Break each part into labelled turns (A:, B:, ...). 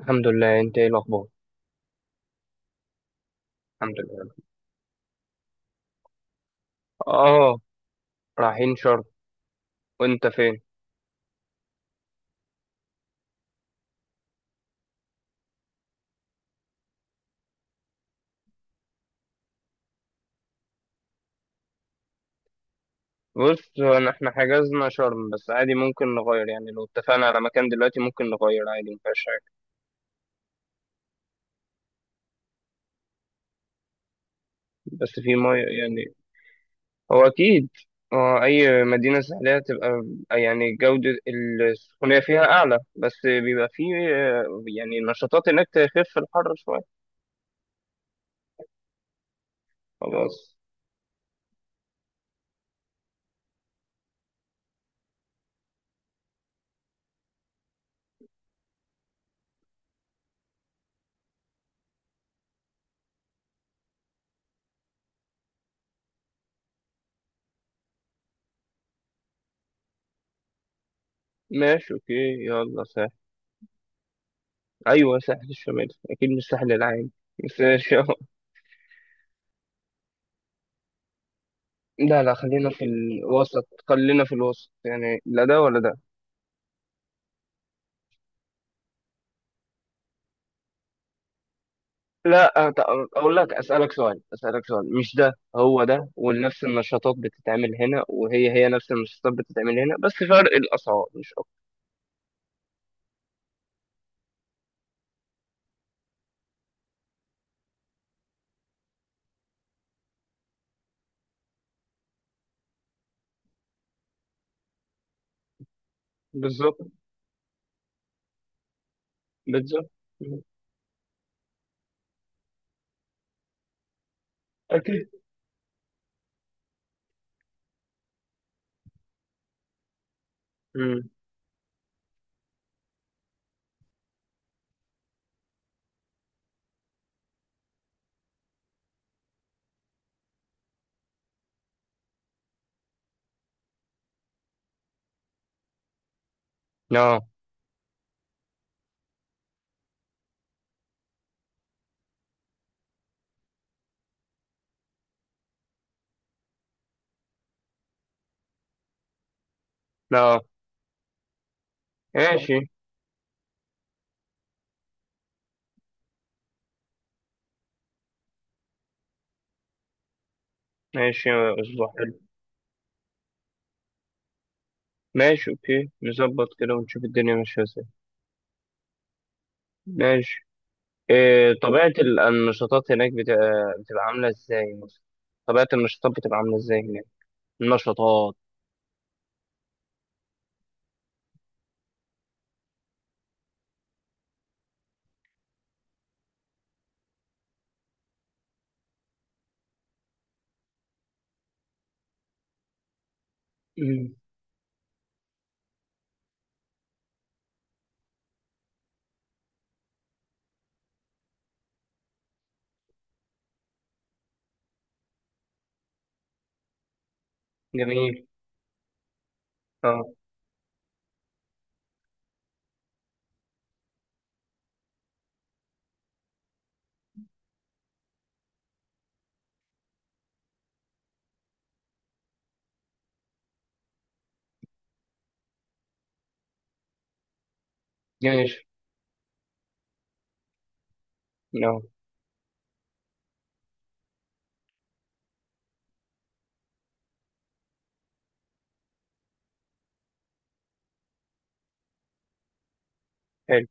A: الحمد لله، انت ايه الاخبار؟ الحمد لله. اه، رايحين شرم. وانت فين؟ بص، احنا حجزنا شرم بس عادي ممكن نغير، يعني لو اتفقنا على مكان دلوقتي ممكن نغير عادي مفيهاش حاجه. بس في ميه يعني. هو اكيد. اه، اي مدينه ساحليه تبقى يعني جوده. السخونيه فيها اعلى بس بيبقى في اه، يعني نشاطات هناك تخف الحر شويه. خلاص. ماشي اوكي. يلا ساحل. ايوه، ساحل الشمال اكيد مش الساحل العام بس لا لا، خلينا في الوسط خلينا في الوسط، يعني لا ده ولا ده. لا، اقول لك اسالك سؤال اسالك سؤال، مش ده هو ده، ونفس النشاطات بتتعمل هنا وهي هي نفس النشاطات بتتعمل هنا، بس فرق الاسعار مش اكتر. بالظبط، بالظبط. مم. اكيد. امم. لا لا. ماشي. ماشي، يا اسبوع حلو. ماشي اوكي، نظبط كده ونشوف الدنيا ماشيه ازاي. ماشي. إيه طبيعه النشاطات هناك بتبقى عامله ازاي مثلا؟ طبيعه النشاطات بتبقى عامله ازاي هناك؟ نشاطات. مم. جميل. اه. ماشي. اه. حلو.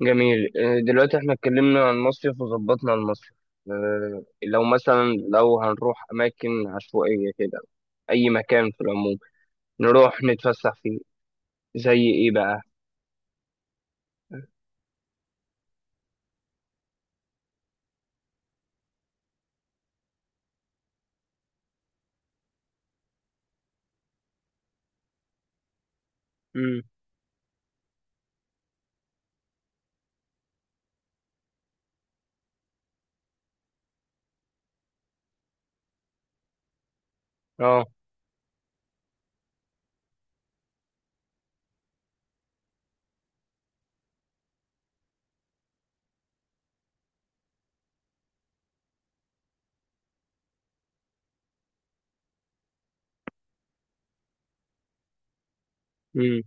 A: جميل. دلوقتي احنا اتكلمنا عن المصيف وظبطنا المصيف، لو مثلا لو هنروح اماكن عشوائية كده، اي مكان في العموم نروح نتفسح فيه. زي ايه بقى؟ امم. اه. امم.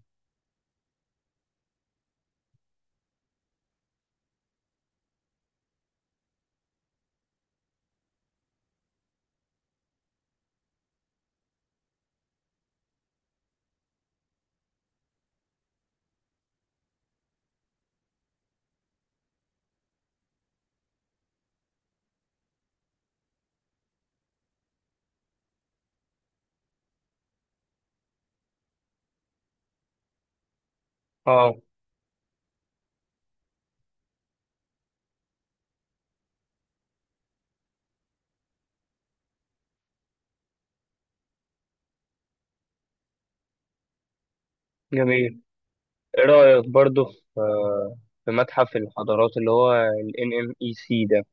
A: اه. جميل. ايه رأيك برضو في متحف الحضارات اللي هو ال NMEC ده،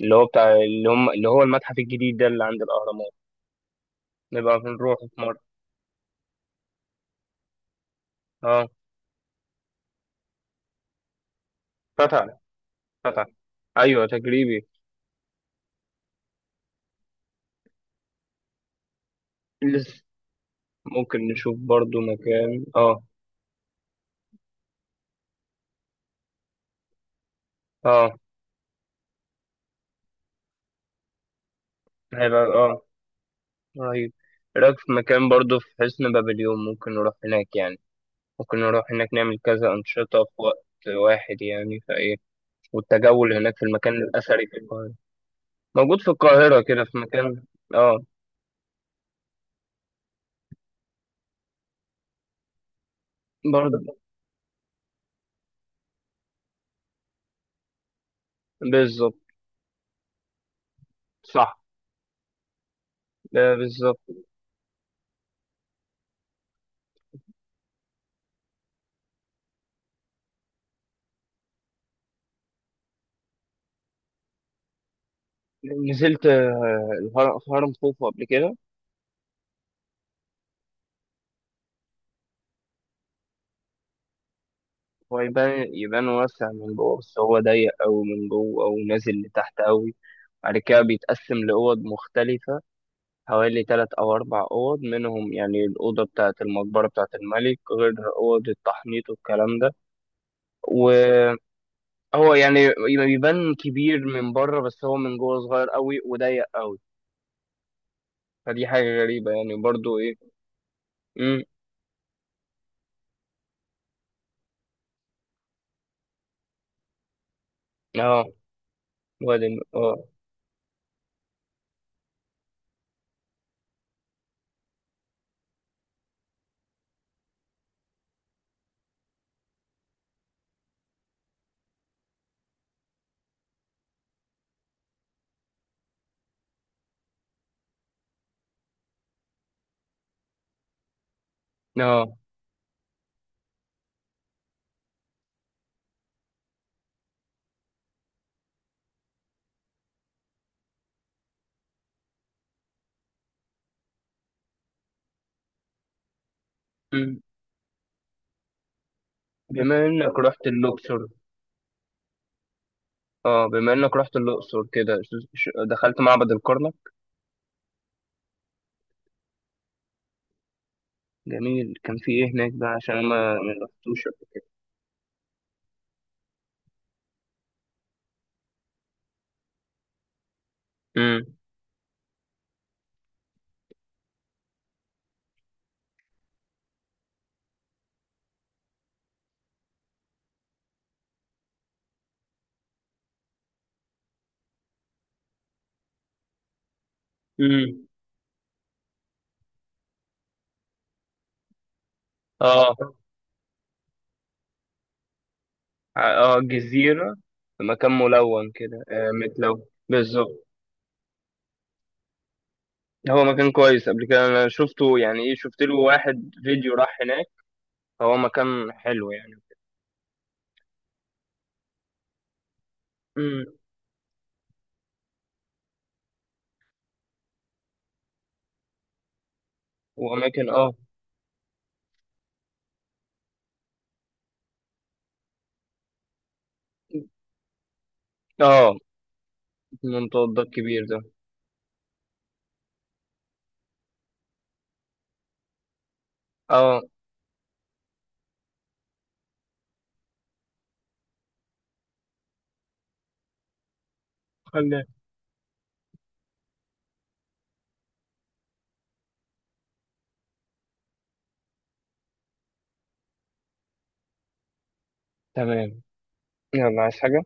A: اللي هو بتاع اللي هم اللي هو المتحف الجديد ده اللي عند الاهرامات. نبقى بنروح في مرة. اه. فتح، فتح. ايوه، تجريبي. لسه. ممكن نشوف برضو مكان اه. اه، هيبقى رهيب. إيه رايك في مكان برضو في حسن بابليون؟ ممكن نروح هناك يعني، ممكن نروح هناك نعمل كذا أنشطة في وقت واحد يعني فايه، والتجول هناك في المكان الأثري في القاهرة. موجود في القاهرة كده في مكان. اه. برضو. بالظبط. صح. آه، بالظبط. نزلت هرم خوفو قبل كده؟ هو يبان واسع من جوه، بس هو ضيق أوي من جوه أو نازل لتحت أوي. بعد كده بيتقسم لأوض مختلفة، حوالي 3 أو 4 أوض منهم، يعني الأوضة بتاعة المقبرة بتاعة الملك غير أوض التحنيط والكلام ده. وهو يعني يبان كبير من بره، بس هو من جوه صغير أوي وضيق أوي. فدي حاجة غريبة يعني برضو إيه. مم. آه. وادي آه. آه. مم. بما إنك رحت اللوكسور. اه، بما انك رحت الاقصر كده دخلت معبد الكرنك. جميل، كان في ايه هناك بقى؟ عشان انا ما رحتوش قبل كده. امم. امم. اه. اه، جزيره. في مكان ملون كده، متلون بالظبط. هو مكان كويس، قبل كده انا شفته، يعني ايه، شفت له واحد فيديو راح هناك. هو مكان حلو يعني. امم. واماكن اه. اه، المنطاد ده الكبير ده؟ اه. خلي. تمام. يلا، عايز حاجه؟